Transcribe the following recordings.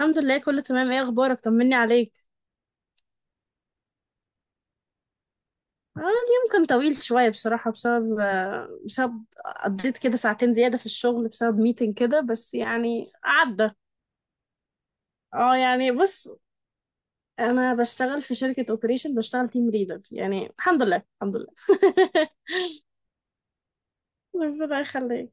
الحمد لله، كله تمام. ايه اخبارك؟ طمني عليك. اه، اليوم كان طويل شويه بصراحه، بسبب قضيت كده ساعتين زياده في الشغل بسبب ميتنج كده، بس يعني عدى. اه، يعني بص. انا بشتغل في شركه اوبريشن، بشتغل تيم ليدر يعني. الحمد لله، الحمد لله. ربنا يخليك.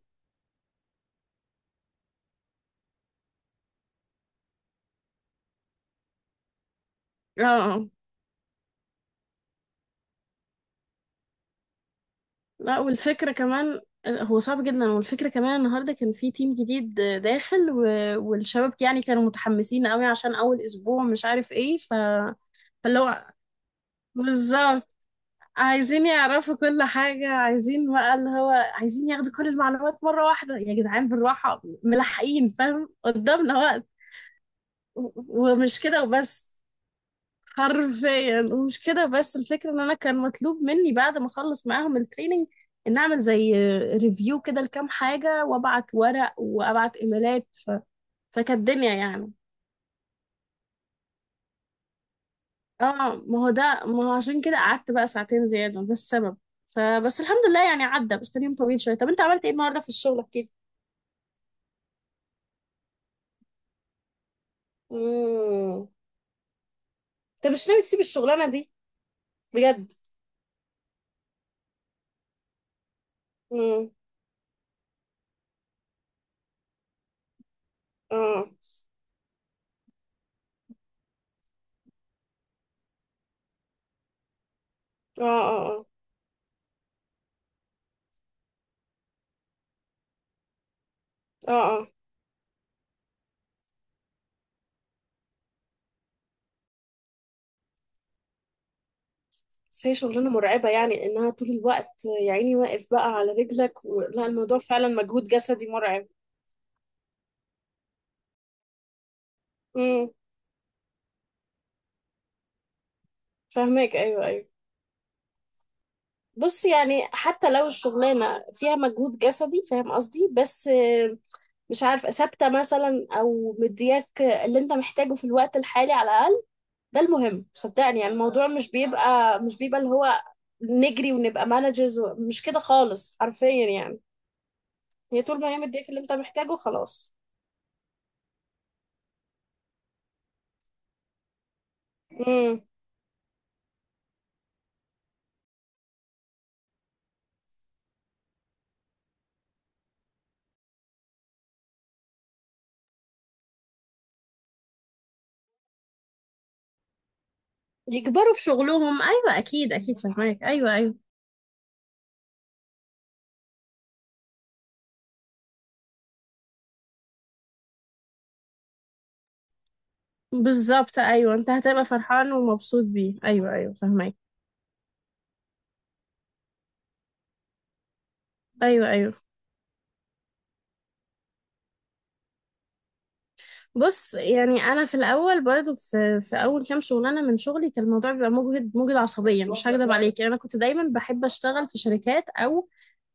اه. آه. لا، والفكره كمان. هو صعب جدا، والفكره كمان النهارده كان في تيم جديد داخل والشباب يعني كانوا متحمسين قوي عشان اول اسبوع، مش عارف ايه فاللي هو بالظبط، عايزين يعرفوا كل حاجة، عايزين بقى اللي هو عايزين ياخدوا كل المعلومات مرة واحدة. يا جدعان بالراحة، ملحقين، فاهم قدامنا وقت. ومش كده وبس، حرفيا ومش كده بس. الفكرة ان انا كان مطلوب مني بعد ما اخلص معاهم التريننج ان اعمل زي ريفيو كده لكام حاجة، وابعت ورق وابعت ايميلات. فكانت الدنيا يعني، اه ما هو ده، ما هو عشان كده قعدت بقى ساعتين زيادة، ده السبب. فبس الحمد لله يعني عدى، بس كان يوم طويل شوية. طب انت عملت ايه النهاردة في الشغل كده؟ امم. انت مش ناوي تسيب الشغلانة دي؟ بجد؟ امم. اه، اه، اه. اه، اه، اه. بس هي شغلانة مرعبة يعني، انها طول الوقت يا عيني واقف بقى على رجلك. لا، الموضوع فعلا مجهود جسدي مرعب. امم. فاهماك، ايوه، ايوه. بص يعني حتى لو الشغلانة فيها مجهود جسدي، فاهم قصدي، بس مش عارفة ثابتة مثلا أو مدياك اللي أنت محتاجه في الوقت الحالي، على الأقل ده المهم. صدقني يعني الموضوع مش بيبقى اللي هو نجري ونبقى مانجرز، مش كده خالص حرفيا يعني. هي طول ما هي مدياك اللي أنت محتاجه، خلاص. امم. يكبروا في شغلهم، أيوة، أكيد أكيد، فهماك، أيوة أيوة. بالظبط، أيوة، أنت هتبقى فرحان ومبسوط بيه، أيوة أيوة فهماك، أيوة أيوة. بص يعني انا في الاول برضو في اول كام شغلانه من شغلي كان الموضوع بيبقى مجهد، مجهد عصبيا، مش هكدب عليك. يعني انا كنت دايما بحب اشتغل في شركات، او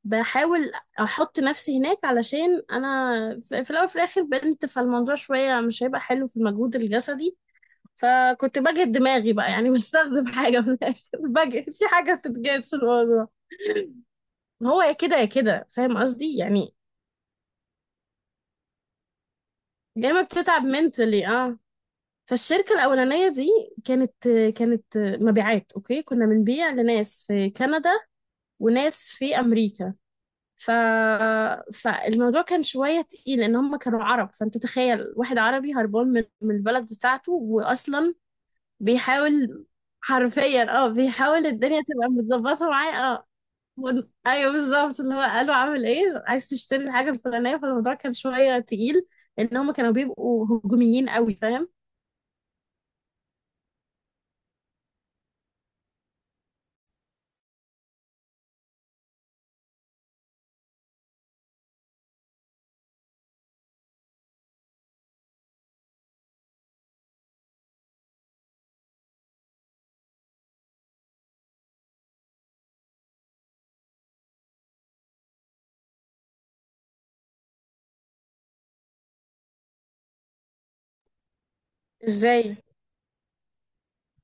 بحاول احط نفسي هناك، علشان انا في الاول في الاخر بنت، فالموضوع شويه مش هيبقى حلو في المجهود الجسدي. فكنت بجهد دماغي بقى يعني بستخدم حاجه من الاخر بجهد في حاجه بتتجهد في الموضوع. هو يا كده يا كده، فاهم قصدي يعني. يا اما بتتعب منتلي، اه. فالشركة الأولانية دي كانت، كانت مبيعات. أوكي، كنا بنبيع لناس في كندا وناس في أمريكا. ف... فالموضوع كان شوية تقيل، لأن هم كانوا عرب. فأنت تخيل واحد عربي هربان من البلد بتاعته، وأصلا بيحاول حرفيا اه، بيحاول الدنيا تبقى متظبطة معاه، اه. ايوه بالظبط، اللي هو قالوا عامل ايه، عايز تشتري الحاجة الفلانية. فالموضوع كان شوية تقيل لأن هم كانوا بيبقوا هجوميين قوي، فاهم. ازاي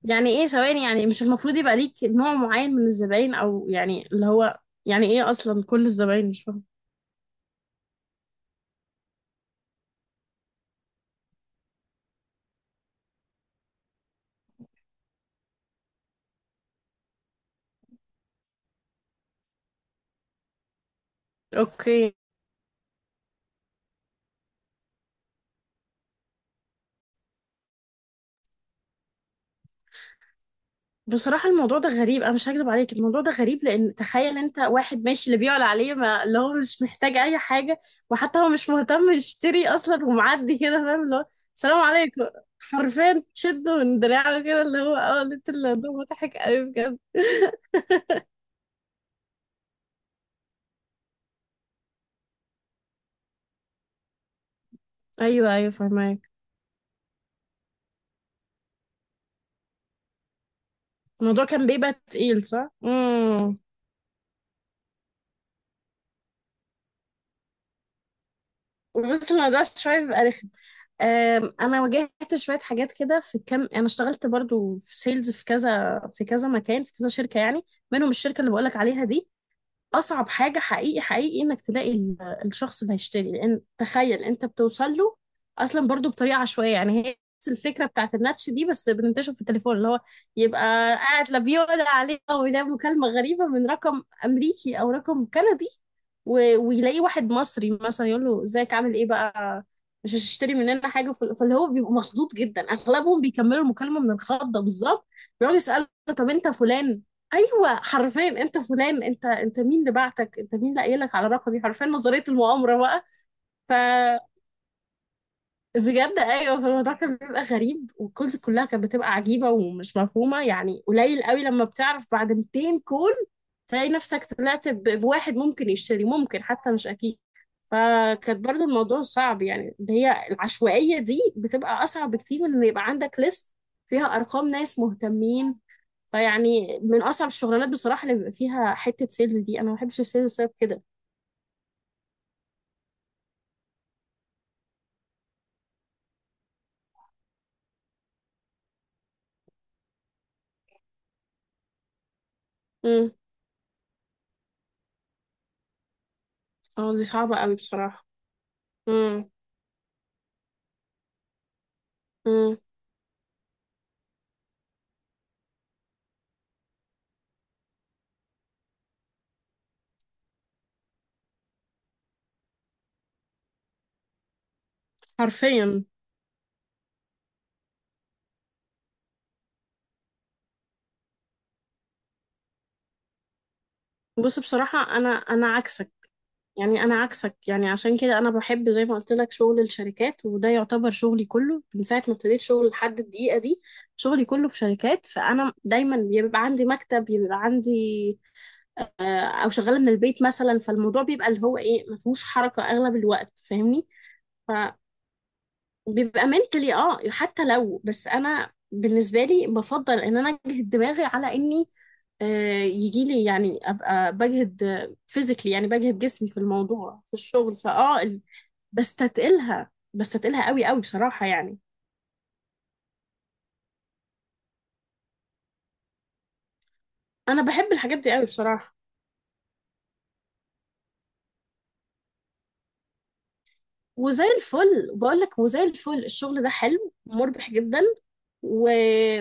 يعني؟ ايه، ثواني، يعني مش المفروض يبقى ليك نوع معين من الزباين، او يعني اللي هو، يعني ايه اصلا كل الزباين، مش فاهم. اوكي. بصراحة الموضوع ده غريب، انا مش هكذب عليك الموضوع ده غريب. لان تخيل انت واحد ماشي اللي بيعلى عليه ما اللي هو مش محتاج اي حاجة، وحتى هو مش مهتم يشتري اصلا ومعدي كده، فاهم اللي هو. السلام عليكم. حرفيا تشده من دراعه كده اللي هو، اه. قلت اللي ده مضحك قوي بجد ايوه، ايوه، فاهمك. الموضوع كان بيبقى تقيل، صح؟ امم. بص الموضوع شوية بيبقى رخم. أنا واجهت شوية حاجات كده في كام. أنا اشتغلت برضو في سيلز، في كذا، في كذا مكان، في كذا شركة يعني، منهم الشركة اللي بقولك عليها دي. اصعب حاجه حقيقي، حقيقي انك تلاقي الشخص اللي هيشتري. لان تخيل انت بتوصل له اصلا برضو بطريقه عشوائيه. يعني هي نفس الفكره بتاعت الناتش دي، بس بننتشر في التليفون، اللي هو يبقى قاعد لا بيقول عليه، او يلاقي مكالمه غريبه من رقم امريكي او رقم كندي، ويلاقي واحد مصري مثلا يقول له ازيك عامل ايه بقى، مش هتشتري مننا حاجه. فاللي هو بيبقى مخضوض جدا. اغلبهم بيكملوا المكالمه من الخضه بالظبط، بيقعدوا يسالوا طب انت فلان، ايوه حرفيا انت فلان، انت مين اللي بعتك، انت مين اللي قايل لك على رقمي، حرفيا نظريه المؤامره بقى. ف، بجد ايوه، فالموضوع كان بيبقى غريب، والكولز كلها كانت بتبقى عجيبه ومش مفهومه يعني. قليل قوي لما بتعرف بعد 200 كول تلاقي نفسك طلعت بواحد ممكن يشتري، ممكن حتى مش اكيد. فكانت برضو الموضوع صعب يعني، اللي هي العشوائيه دي بتبقى اصعب بكتير من ان يبقى عندك ليست فيها ارقام ناس مهتمين. فيعني من اصعب الشغلانات بصراحه اللي بيبقى فيها حته سيلز دي، انا ما بحبش السيلز بسبب كده. امم. اه دي صعبه قوي بصراحه. امم، امم، حرفيا. بص بصراحه انا عكسك. يعني انا عكسك، يعني عشان كده انا بحب زي ما قلت لك شغل الشركات. وده يعتبر شغلي كله من ساعه ما ابتديت شغل لحد الدقيقه دي، شغلي كله في شركات. فانا دايما بيبقى عندي مكتب، بيبقى عندي آه، او شغاله من البيت مثلا. فالموضوع بيبقى اللي هو ايه، ما فيهوش حركه اغلب الوقت، فاهمني. بيبقى منتلي، اه. يعني حتى لو، بس انا بالنسبه لي بفضل ان انا اجهد دماغي على اني، آه، يجي لي يعني ابقى بجهد فيزيكلي، يعني بجهد جسمي في الموضوع في الشغل، بستتقلها، بستتقلها قوي قوي بصراحه يعني. انا بحب الحاجات دي قوي بصراحه، وزي الفل بقول لك. وزي الفل الشغل ده حلو، مربح جدا، و...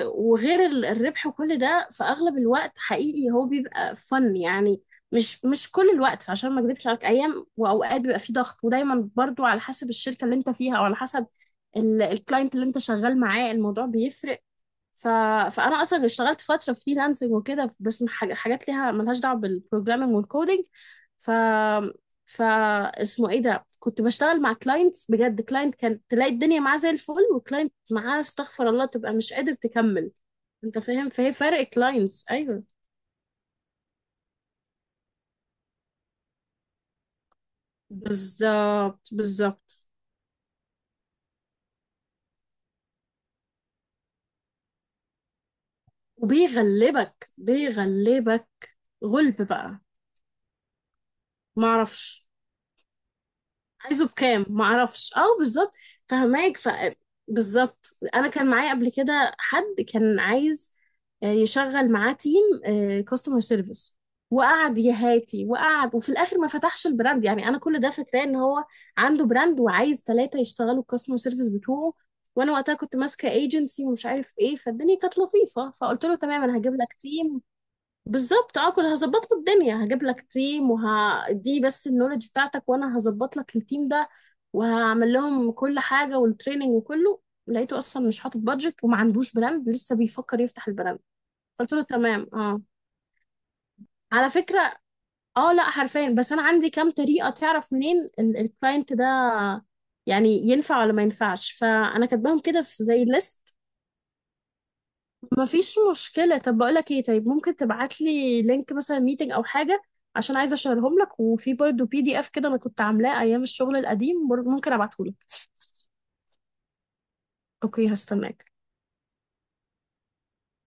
وغير الربح وكل ده، في اغلب الوقت حقيقي هو بيبقى فن يعني. مش كل الوقت، عشان ما اكذبش عليك، ايام واوقات بيبقى فيه ضغط، ودايما برضو على حسب الشركه اللي انت فيها، او على حسب الكلاينت اللي انت شغال معاه الموضوع بيفرق ف... فانا اصلا اشتغلت فتره فريلانسنج وكده، بس من حاجات ليها، ملهاش دعوه بالبروجرامينج والكودينج. ف، ف، اسمه ايه ده، كنت بشتغل مع كلاينتس. بجد، كلاينت كان تلاقي الدنيا معاه زي الفل، وكلاينت معاه استغفر الله تبقى مش قادر تكمل. انت فاهم، فهي فرق كلاينتس، ايوه بالظبط، بالظبط. وبيغلبك، بيغلبك غلب بقى، معرفش عايزه بكام، معرفش، اه بالظبط. فهماك، ف، بالظبط. انا كان معايا قبل كده حد كان عايز يشغل معاه تيم كاستمر سيرفيس، وقعد يهاتي وقعد، وفي الاخر ما فتحش البراند. يعني انا كل ده فاكراه، ان هو عنده براند وعايز 3 يشتغلوا الكاستمر سيرفيس بتوعه. وانا وقتها كنت ماسكه ايجنسي ومش عارف ايه، فالدنيا كانت لطيفه فقلت له تمام انا هجيب لك تيم. بالظبط اه، كنت هظبط له الدنيا، هجيب لك تيم وهديني بس النولج بتاعتك وانا هظبط لك التيم ده، وهعمل لهم كل حاجه والتريننج وكله. لقيته اصلا مش حاطط بادجت، وما عندوش براند، لسه بيفكر يفتح البراند. قلت له تمام، اه، على فكره. اه لا حرفيا، بس انا عندي كام طريقه تعرف منين الكلاينت ده يعني ينفع ولا ما ينفعش، فانا كاتباهم كده في زي ليست. مفيش مشكلة، طب بقولك ايه، طيب ممكن تبعتلي لينك مثلا ميتنج او حاجة، عشان عايزة اشيرهم لك. وفي برضه PDF كده انا كنت عاملاه ايام الشغل القديم، ممكن ابعتهولك. اوكي، هستناك.